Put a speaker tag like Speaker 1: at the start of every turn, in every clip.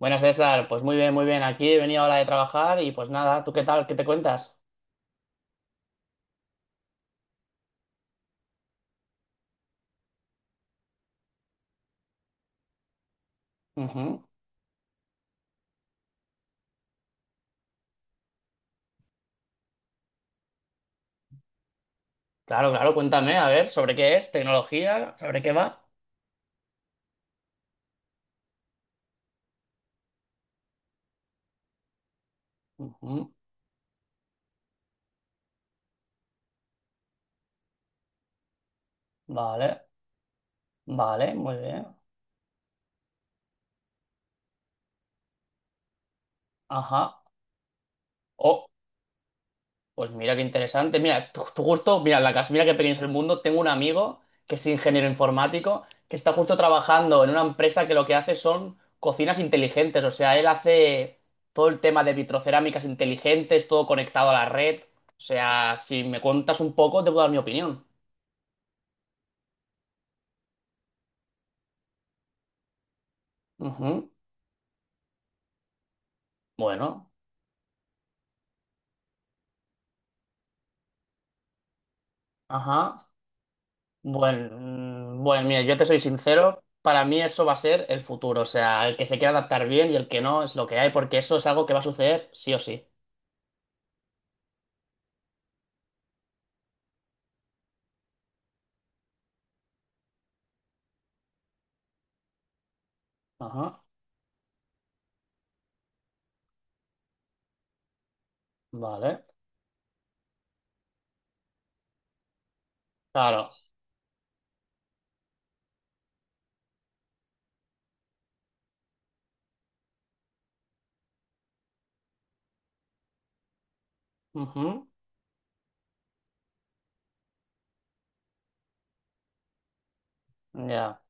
Speaker 1: Buenas, César, pues muy bien, muy bien. Aquí he venido ahora de trabajar y pues nada, ¿tú qué tal? ¿Qué te cuentas? Ujú. Claro, claro, cuéntame, a ver, ¿sobre qué es? ¿Tecnología? ¿Sobre qué va? Ujú. Vale, vale, muy bien. Ajá. O- Pues mira qué interesante. Mira, tu gusto, mira, la casa, mira qué pequeño es el mundo. Tengo un amigo que es ingeniero informático que está justo trabajando en una empresa que lo que hace son cocinas inteligentes. O sea, él hace todo el tema de vitrocerámicas inteligentes, todo conectado a la red. O sea, si me cuentas un poco, te puedo dar mi opinión. Ujú. Bueno, ajá. Bueno, bueno, mira, yo te soy sincero, para mí eso va a ser el futuro, o sea, el que se quiera adaptar bien y el que no es lo que hay, porque eso es algo que va a suceder sí o sí. Ajá, vale, claro. Ujú, ya.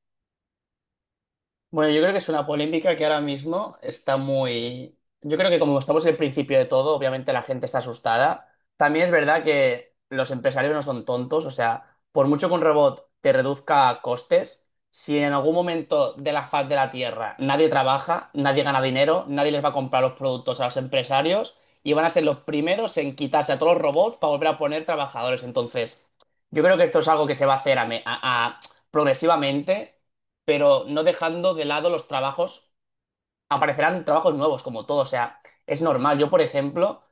Speaker 1: Bueno, yo creo que es una polémica que ahora mismo está muy... Yo creo que como estamos en el principio de todo, obviamente la gente está asustada. También es verdad que los empresarios no son tontos, o sea, por mucho que un robot te reduzca costes, si en algún momento de la faz de la Tierra nadie trabaja, nadie gana dinero, nadie les va a comprar los productos a los empresarios y van a ser los primeros en quitarse a todos los robots para volver a poner trabajadores. Entonces, yo creo que esto es algo que se va a hacer a me- a- progresivamente, pero no dejando de lado los trabajos, aparecerán trabajos nuevos, como todo. O sea, es normal. Yo, por ejemplo,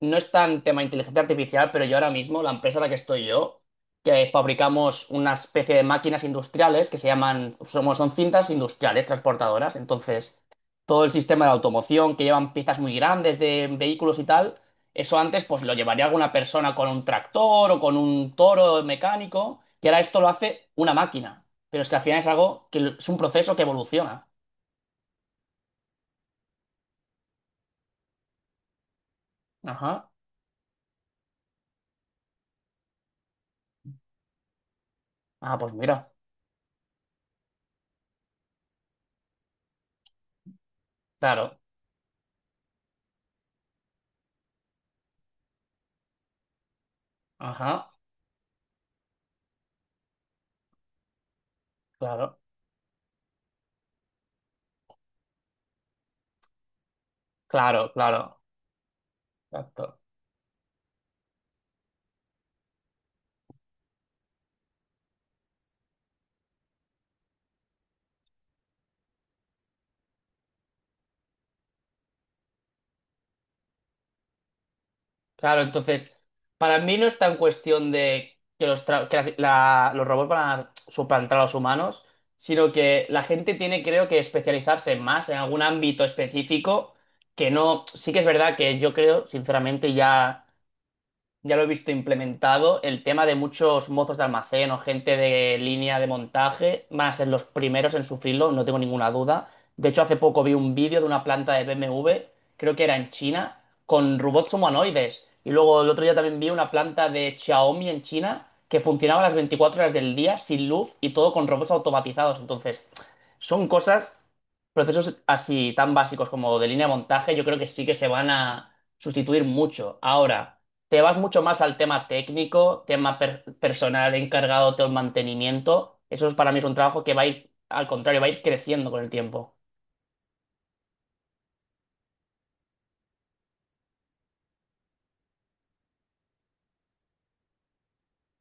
Speaker 1: no es tan tema inteligencia artificial, pero yo ahora mismo, la empresa en la que estoy yo, que fabricamos una especie de máquinas industriales que se llaman, son cintas industriales transportadoras. Entonces, todo el sistema de automoción que llevan piezas muy grandes de vehículos y tal, eso antes pues lo llevaría alguna persona con un tractor o con un toro mecánico, y ahora esto lo hace una máquina. Pero es que al final es algo que es un proceso que evoluciona. Ajá. Ah, pues mira, claro, ajá, claro, claro, claro, exacto. Claro, entonces, para mí no está en cuestión de que los, tra- que las- la- los robots van a suplantar a los humanos, sino que la gente tiene, creo que, especializarse más en algún ámbito específico, que no, sí que es verdad que yo creo, sinceramente, ya... ya lo he visto implementado, el tema de muchos mozos de almacén o gente de línea de montaje van a ser los primeros en sufrirlo, no tengo ninguna duda. De hecho, hace poco vi un vídeo de una planta de BMW, creo que era en China, con robots humanoides. Y luego el otro día también vi una planta de Xiaomi en China que funcionaba las 24 horas del día sin luz y todo con robots automatizados. Entonces, son cosas, procesos así tan básicos como de línea de montaje, yo creo que sí que se van a sustituir mucho. Ahora. Te vas mucho más al tema técnico, tema personal encargado del mantenimiento. Eso es, para mí es un trabajo que va a ir, al contrario, va a ir creciendo con el tiempo.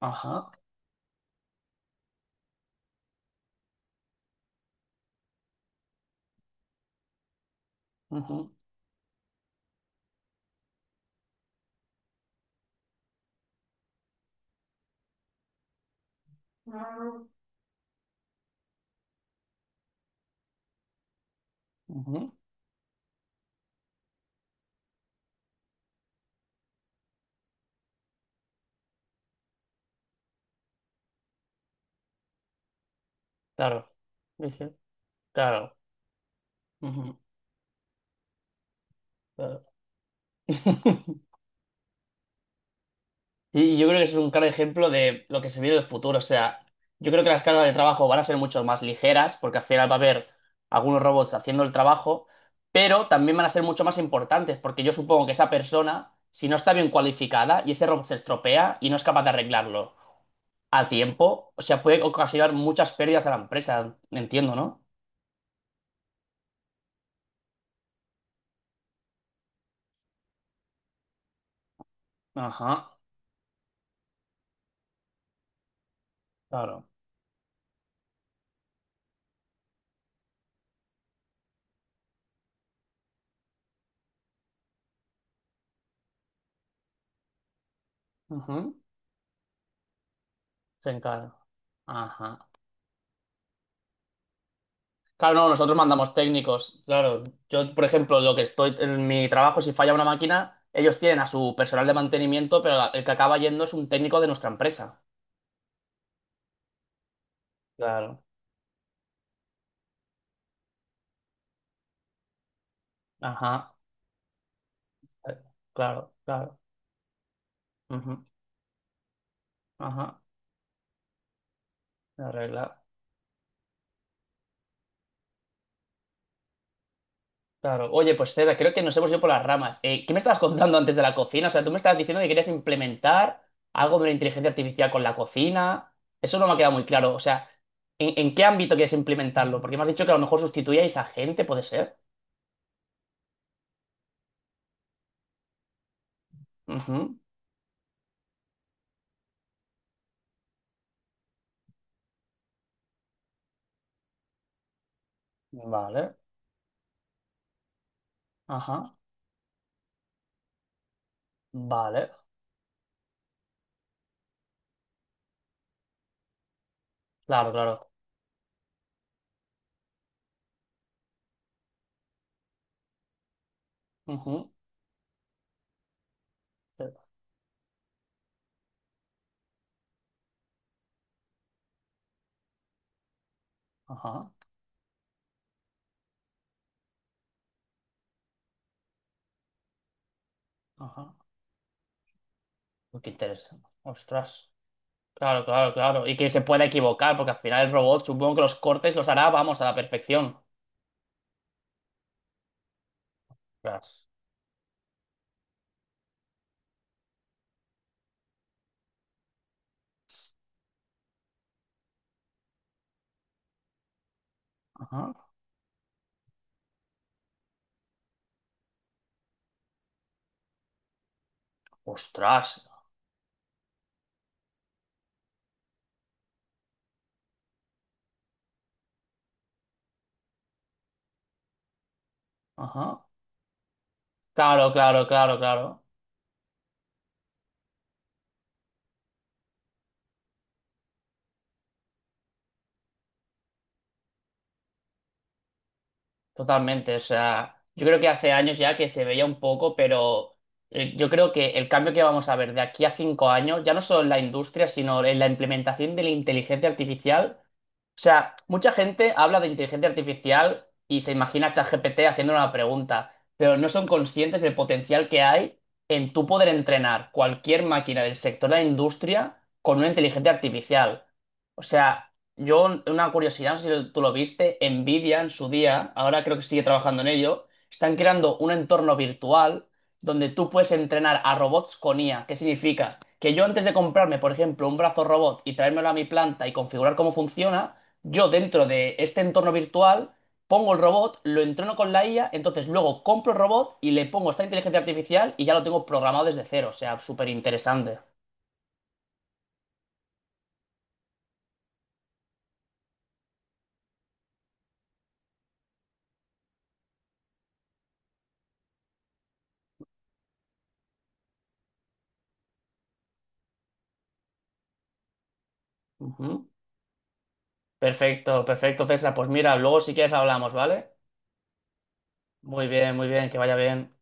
Speaker 1: Ajá. Ujú, ujú. Claro. Dije. Claro. Ujú, claro. Y yo creo que eso es un claro ejemplo de lo que se viene en el futuro. O sea, yo creo que las cargas de trabajo van a ser mucho más ligeras, porque al final va a haber algunos robots haciendo el trabajo, pero también van a ser mucho más importantes, porque yo supongo que esa persona, si no está bien cualificada y ese robot se estropea y no es capaz de arreglarlo a tiempo, o sea, puede ocasionar muchas pérdidas a la empresa. Entiendo, ¿no? Ajá, claro. Ujú. Se encarga. Ajá. Claro, no, nosotros mandamos técnicos. Claro, yo, por ejemplo, lo que estoy en mi trabajo, si falla una máquina, ellos tienen a su personal de mantenimiento, pero el que acaba yendo es un técnico de nuestra empresa. Claro, ajá, eh, claro, claro, ujú, ajá, la regla. Claro, oye, pues César, creo que nos hemos ido por las ramas. ¿Qué me estabas contando antes de la cocina? O sea, tú me estabas diciendo que querías implementar algo de la inteligencia artificial con la cocina. Eso no me ha quedado muy claro. O sea, en qué ámbito quieres implementarlo? Porque me has dicho que a lo mejor sustituíais a gente, ¿puede ser? Ujú, vale, ajá, vale, claro, claro. Ujú, eh, ajá, ajá. Uy, qué interesante. Ostras, claro, claro, claro. Y que se pueda equivocar, porque al final el robot supongo que los cortes los hará, vamos, a la perfección. Ostras, ajá, ostras, ajá. Claro, claro, claro, claro. Totalmente, o sea, yo creo que hace años ya que se veía un poco, pero yo creo que el cambio que vamos a ver de aquí a 5 años, ya no solo en la industria, sino en la implementación de la inteligencia artificial. O sea, mucha gente habla de inteligencia artificial y se imagina a ChatGPT haciendo una pregunta, pero no son conscientes del potencial que hay en tú poder entrenar cualquier máquina del sector de la industria con una inteligencia artificial. O sea, yo, una curiosidad, no sé si tú lo viste, Nvidia en su día, ahora creo que sigue trabajando en ello, están creando un entorno virtual donde tú puedes entrenar a robots con IA. ¿Qué significa? Que yo antes de comprarme, por ejemplo, un brazo robot y traérmelo a mi planta y configurar cómo funciona, yo dentro de este entorno virtual pongo el robot, lo entreno con la IA, entonces luego compro el robot y le pongo esta inteligencia artificial y ya lo tengo programado desde cero. O sea, súper interesante. Ujú. Perfecto, perfecto, César. Pues mira, luego si quieres hablamos, ¿vale? Muy bien, que vaya bien.